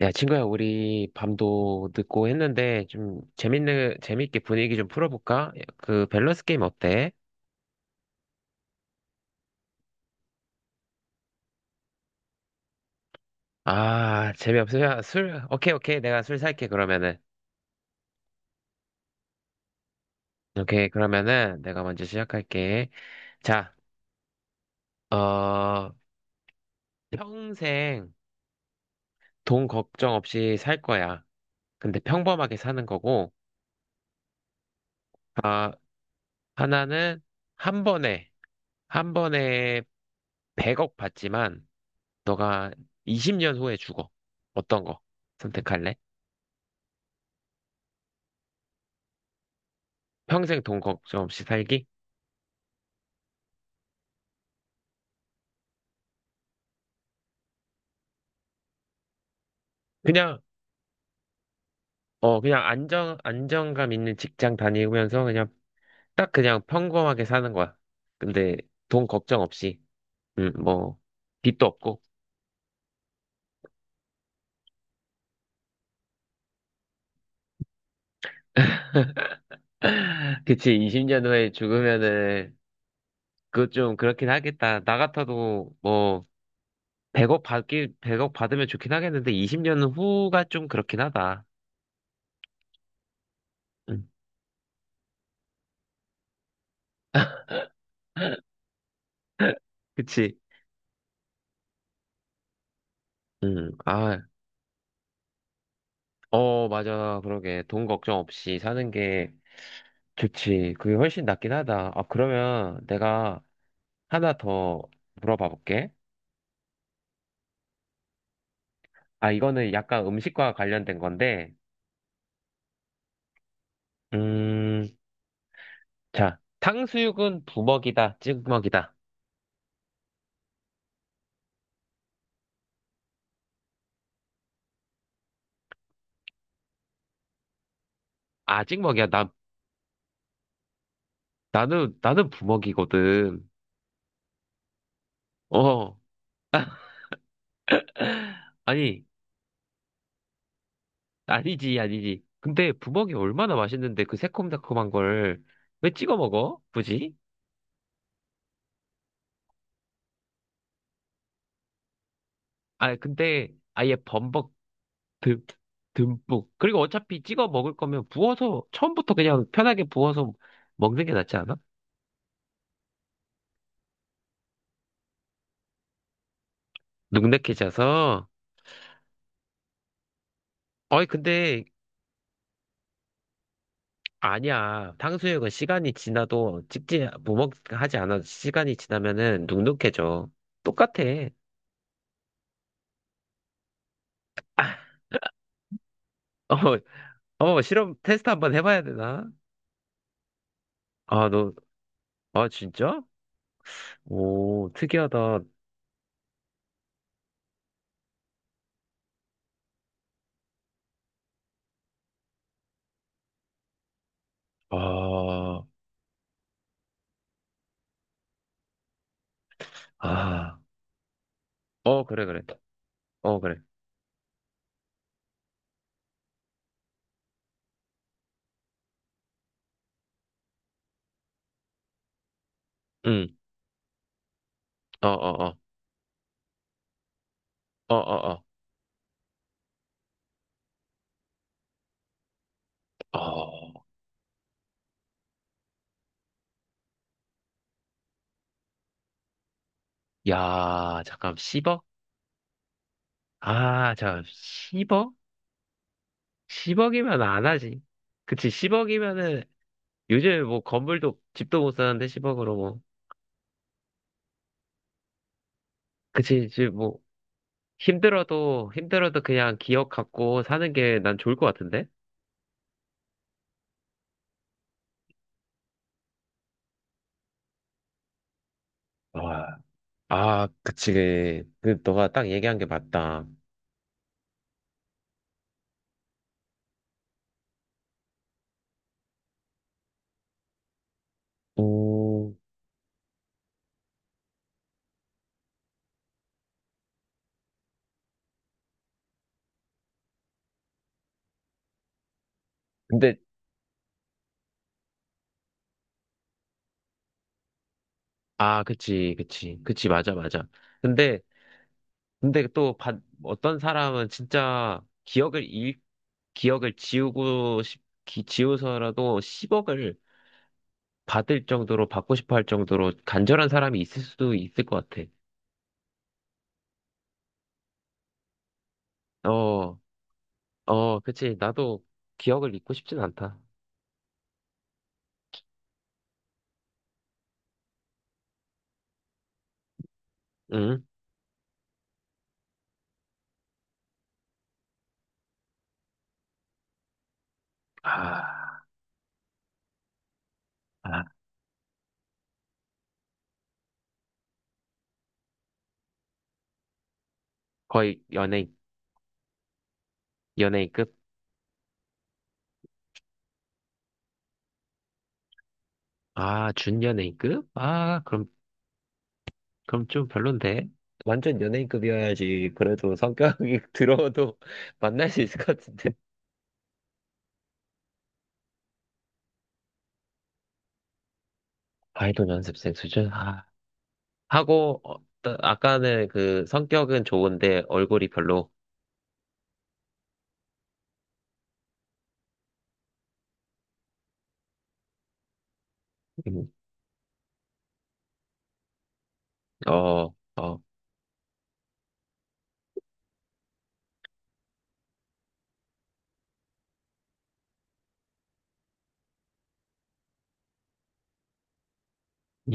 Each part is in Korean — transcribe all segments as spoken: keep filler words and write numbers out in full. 야, 친구야, 우리 밤도 늦고 했는데 좀 재밌는, 재밌게 분위기 좀 풀어볼까? 그 밸런스 게임 어때? 아, 재미없으면 술, 오케이, 오케이. 내가 술 살게, 그러면은. 오케이, 그러면은 내가 먼저 시작할게. 자, 어, 평생 돈 걱정 없이 살 거야. 근데 평범하게 사는 거고, 아, 하나는 한 번에, 한 번에 백억 받지만, 너가 이십 년 후에 죽어. 어떤 거 선택할래? 평생 돈 걱정 없이 살기? 그냥, 어, 그냥 안정, 안정감 있는 직장 다니면서 그냥 딱 그냥 평범하게 사는 거야. 근데 돈 걱정 없이, 음, 뭐, 빚도 없고. 그치, 이십 년 후에 죽으면은, 그것 좀 그렇긴 하겠다. 나 같아도 뭐, 백억 받기, 백억 받으면 좋긴 하겠는데, 이십 년 후가 좀 그렇긴 하다. 응. 그치? 응, 아, 어, 맞아. 그러게. 돈 걱정 없이 사는 게 좋지. 그게 훨씬 낫긴 하다. 아, 그러면 내가 하나 더 물어봐 볼게. 아, 이거는 약간 음식과 관련된 건데, 음, 자, 탕수육은 부먹이다, 찍먹이다. 아, 찍먹이야. 나, 나는, 나는 부먹이거든. 어, 아니. 아니지, 아니지. 근데 부먹이 얼마나 맛있는데 그 새콤달콤한 걸 왜 찍어 먹어? 굳이? 아, 근데 아예 범벅 듬, 듬뿍. 그리고 어차피 찍어 먹을 거면 부어서 처음부터 그냥 편하게 부어서 먹는 게 낫지 않아? 눅눅해져서. 어이, 근데 아니야. 탕수육은 시간이 지나도 찍지, 부먹하지 않아도 시간이 지나면은 눅눅해져. 똑같아. 어, 어, 실험 테스트 한번 해봐야 되나? 아, 너, 아, 진짜? 오, 특이하다. 아, 아, 어, 그래, 그래. 어, 그래. 응, 어, 어, 어, 어, 어, 어. 어, 야, 잠깐, 십억? 아, 잠깐, 십억? 십억이면 안 하지. 그치, 십억이면은, 요즘에 뭐, 건물도, 집도 못 사는데, 십억으로 뭐. 그치, 지금 뭐, 힘들어도, 힘들어도 그냥 기억 갖고 사는 게 난 좋을 것 같은데? 아, 아, 그치, 그, 그 너가 딱 얘기한 게 맞다. 오, 근데 아, 그치, 그치, 그치, 맞아, 맞아. 근데, 근데 또 바, 어떤 사람은 진짜 기억을 잃, 기억을 지우고 싶, 기, 지우서라도 십억을 받을 정도로, 받고 싶어 할 정도로 간절한 사람이 있을 수도 있을 것 같아. 어, 어, 그치. 나도 기억을 잊고 싶진 않다. 응? 아, 아, 거의 연예인, 연예인급? 아, 준연예인급? 아, 그럼 그럼 좀 별론데? 완전 연예인급이어야지 그래도 성격이 들어도 만날 수 있을 것 같은데. 아이돌 연습생 수준? 아. 하고 어, 따- 아까는 그 성격은 좋은데 얼굴이 별로. 음, 어, 어.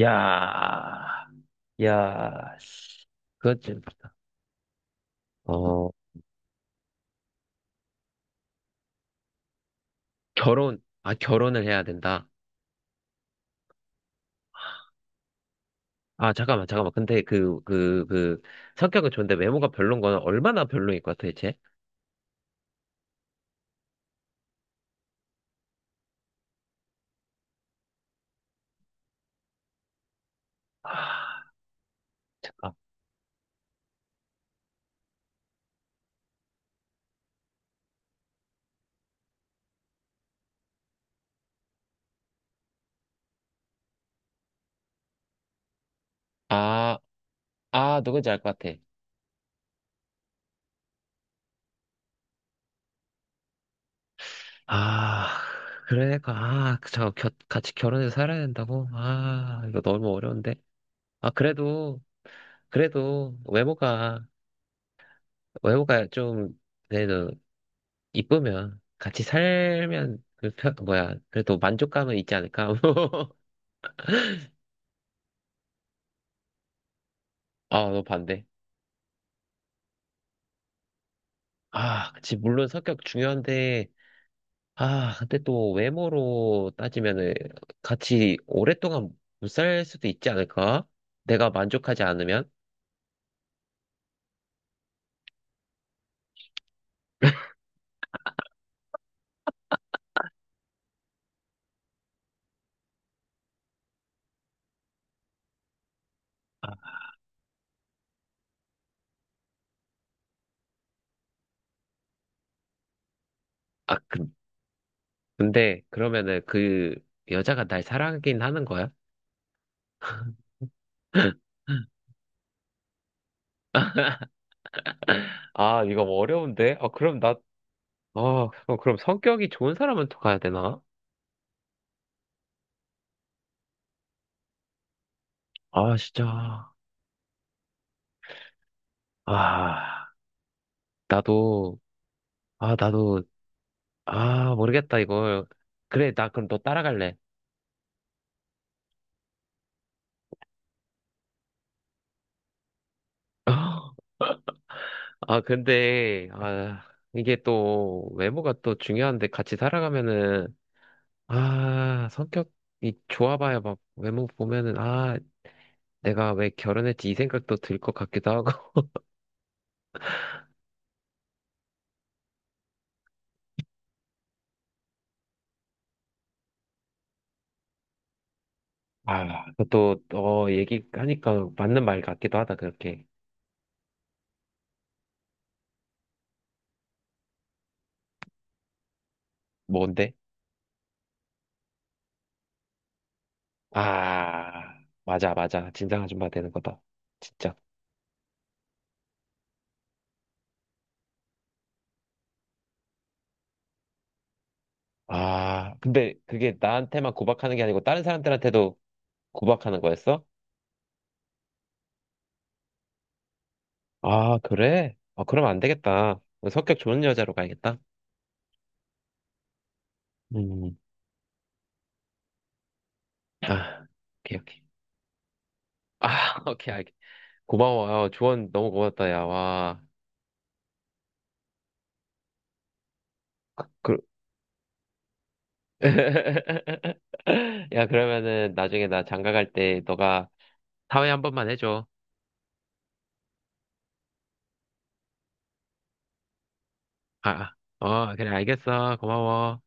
야, 야, 씨. 그건 좀. 어, 결혼. 아, 결혼을 해야 된다. 아, 잠깐만, 잠깐만. 근데 그, 그, 그, 성격은 좋은데 외모가 별론 거는 얼마나 별로일 것 같아, 대체? 아, 아, 아, 누군지 알 것 같아. 아, 그러니까, 아, 그 저 겨, 같이 결혼해서 살아야 된다고? 아, 이거 너무 어려운데? 아, 그래도, 그래도, 외모가, 외모가 좀, 그래도, 이쁘면, 같이 살면, 그, 편, 뭐야, 그래도 만족감은 있지 않을까? 아, 너 반대. 아, 그치, 물론 성격 중요한데, 아, 근데 또 외모로 따지면은, 같이 오랫동안 못 살 수도 있지 않을까? 내가 만족하지 않으면? 아, 아, 그 근데 그러면은 그 여자가 날 사랑하긴 하는 거야? 아, 이거 뭐 어려운데? 아, 그럼 나, 아, 그럼 성격이 좋은 사람한테 가야 되나? 아, 진짜. 아, 나도, 아, 나도, 아, 모르겠다, 이걸. 그래, 나 그럼 너 따라갈래. 아, 근데, 아, 이게 또, 외모가 또 중요한데 같이 살아가면은, 아, 성격이 좋아봐야 막 외모 보면은, 아, 내가 왜 결혼했지 이 생각도 들 것 같기도 하고, 아, 또, 어, 얘기하니까 맞는 말 같기도 하다, 그렇게. 뭔데? 아, 맞아, 맞아. 진상 아줌마 되는 거다. 진짜. 아, 근데 그게 나한테만 구박하는 게 아니고 다른 사람들한테도 구박하는 거였어? 아, 그래? 아, 그럼 안 되겠다. 성격 좋은 여자로 가야겠다. 음, 아, 오케이, 오케이. 아, 오케이, 알겠. 고마워. 아, 조언 너무 고맙다, 야, 와. 그, 그, 야, 그러면은 나중에 나 장가 갈 때 너가 사회 한 번만 해줘. 아, 어, 그래, 알겠어. 고마워.